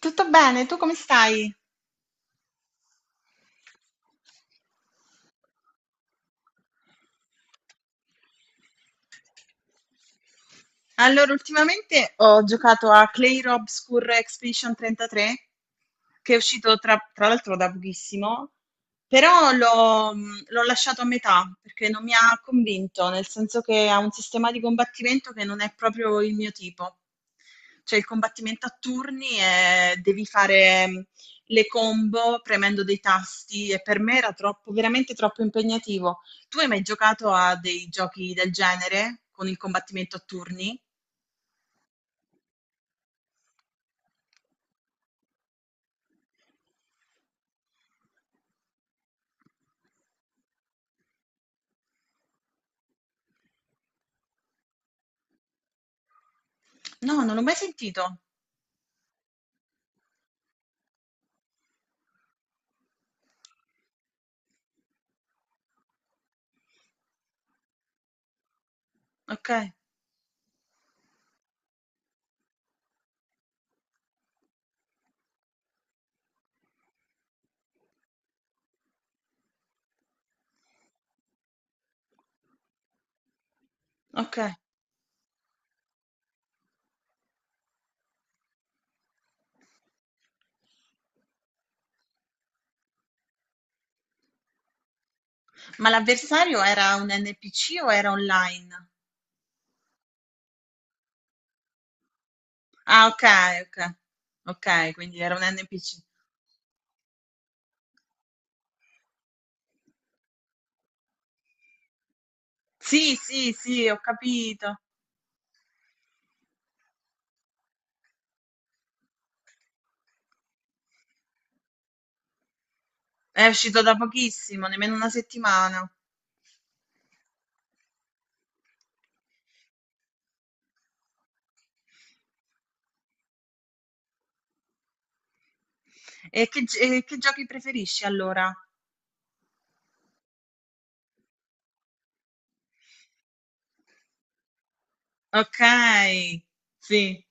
Tutto bene, tu come stai? Allora, ultimamente ho giocato a Clay Obscure Expedition 33, che è uscito tra l'altro da pochissimo, però l'ho lasciato a metà perché non mi ha convinto, nel senso che ha un sistema di combattimento che non è proprio il mio tipo. Cioè il combattimento a turni e devi fare le combo premendo dei tasti e per me era troppo, veramente troppo impegnativo. Tu hai mai giocato a dei giochi del genere con il combattimento a turni? No, non l'ho mai sentito. Okay, okay. Ma l'avversario era un NPC o era online? Ah, okay, okay. Okay, quindi era un NPC. Sì, sì, sì, ho capito. È uscito da pochissimo, nemmeno una settimana. E che g e che giochi preferisci allora? Okay, sì,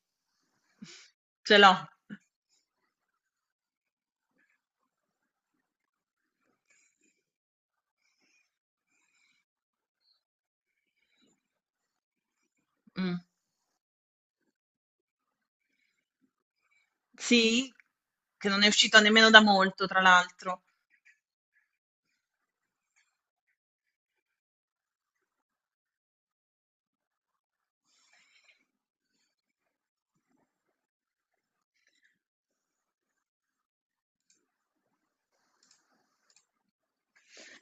ce l'ho. Mh. Sì? Che non è uscito nemmeno da molto, tra l'altro.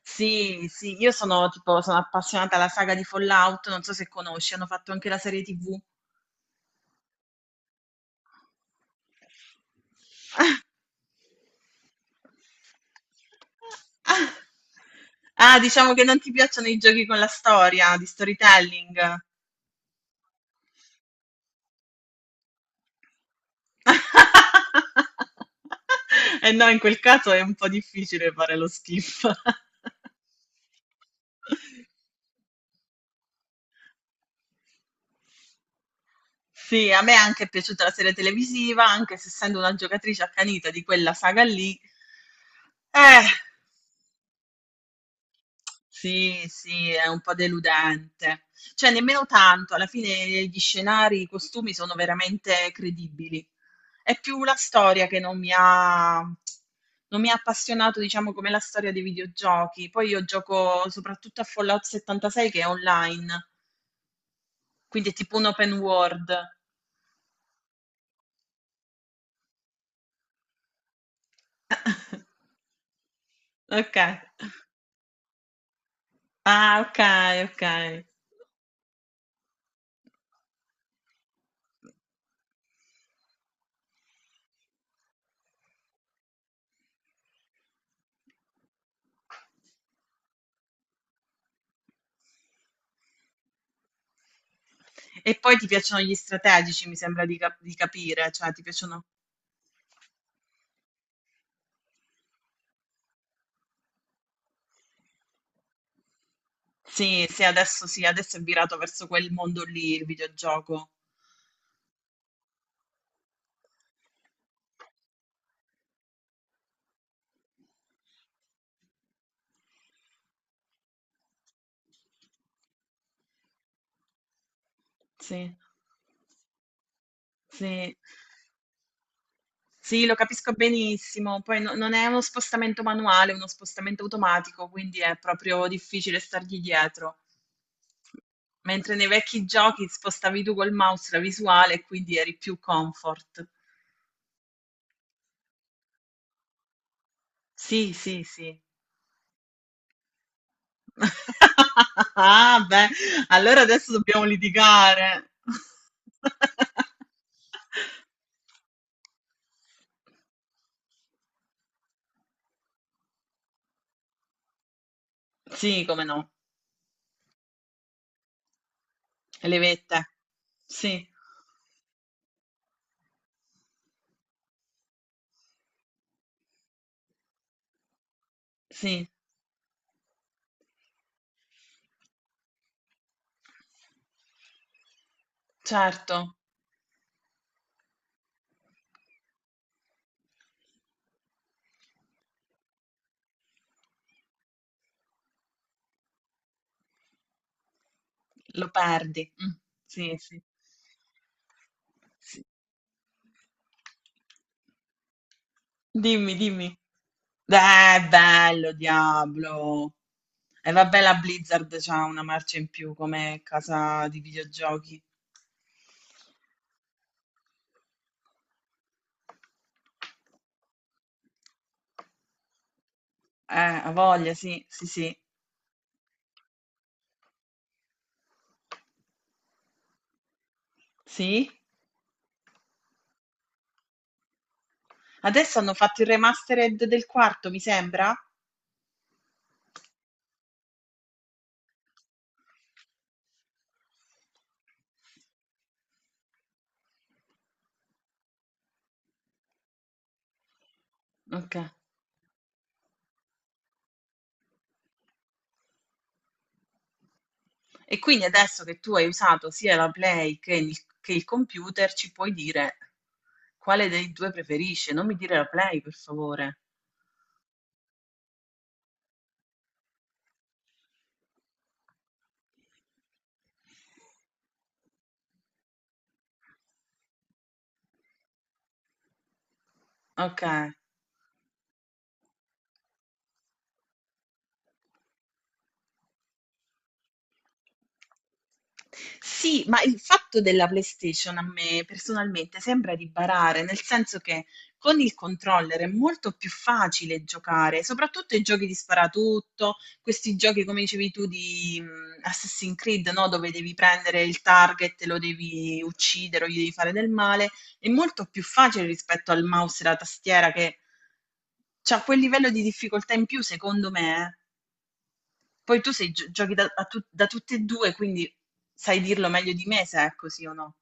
Sì, sì, io sono tipo, sono appassionata alla saga di Fallout, non so se conosci, hanno fatto anche la serie TV. Ah, ah, diciamo che non ti piacciono i giochi con la storia, di storytelling. E no, in quel caso è un po' difficile fare lo skip. Sì, a me anche è piaciuta la serie televisiva, anche se essendo una giocatrice accanita di quella saga lì. Eh. Sì, sì, è un po' deludente. Cioè, nemmeno tanto, alla fine gli scenari, i costumi sono veramente credibili. È più la storia che non mi ha appassionato, diciamo, come la storia dei videogiochi. Poi io gioco soprattutto a Fallout 76 che è online, quindi è tipo un open world. Ok. Ah, ok, ok. E poi ti piacciono gli strategici, mi sembra di, di capire, cioè ti piacciono. Sì, sì, adesso è virato verso quel mondo lì il videogioco. Sì, sì, sì, lo capisco benissimo. Poi non è uno spostamento manuale, è uno spostamento automatico, quindi è proprio difficile stargli dietro. Mentre nei vecchi giochi spostavi tu col mouse la visuale e quindi eri più comfort. Sì, sì, sì. Ah, beh, allora adesso dobbiamo litigare. Sì, come no, le vette. Sì, sì, certo, lo perdi. Mm, sì, sì, sì. Dimmi, dimmi. Bello, Diablo. E vabbè, la Blizzard c'ha una marcia in più come casa di videogiochi. Eh, ha voglia, sì, sì, sì. Sì? Adesso hanno fatto il remastered del quarto, mi sembra? Ok. E quindi adesso che tu hai usato sia la Play che il computer, ci puoi dire quale dei due preferisci. Non mi dire la Play, per favore. Ok. Sì, ma il fatto della PlayStation a me personalmente sembra di barare, nel senso che con il controller è molto più facile giocare, soprattutto i giochi di sparatutto, questi giochi come dicevi tu di Assassin's Creed, no? Dove devi prendere il target, lo devi uccidere o gli devi fare del male, è molto più facile rispetto al mouse e alla tastiera che ha quel livello di difficoltà in più, secondo me. Eh. Poi tu sei gio giochi da a tu da tutte e 2, quindi sai dirlo meglio di me se è così o no.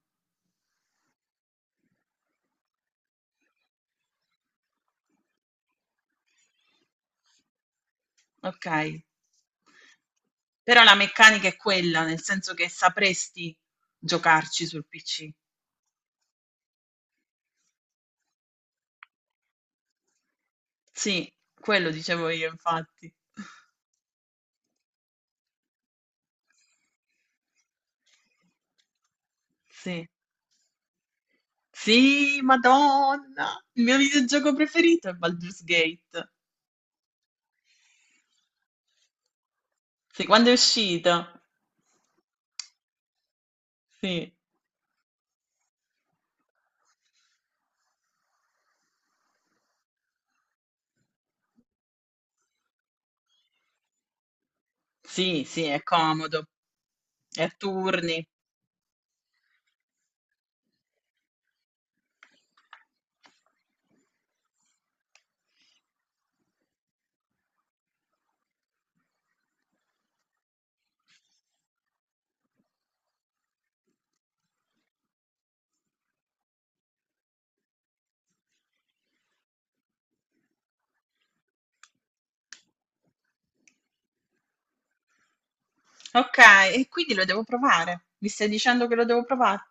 Okay. Però la meccanica è quella, nel senso che sapresti giocarci sul PC. Sì, quello dicevo io infatti. Sì. Sì, madonna! Il mio videogioco preferito è Baldur's Gate. Sì, quando è uscito. Sì. Sì, sì, è comodo. È a turni. Okay, e quindi lo devo provare. Mi stai dicendo che lo devo provare?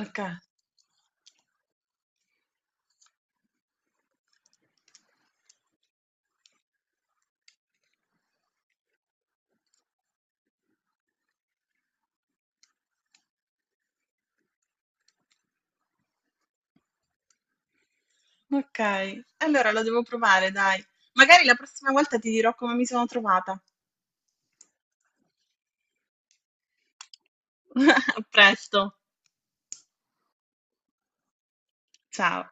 Oka Okay, allora lo devo provare dai. Magari la prossima volta ti dirò come mi sono trovata. A presto, ciao.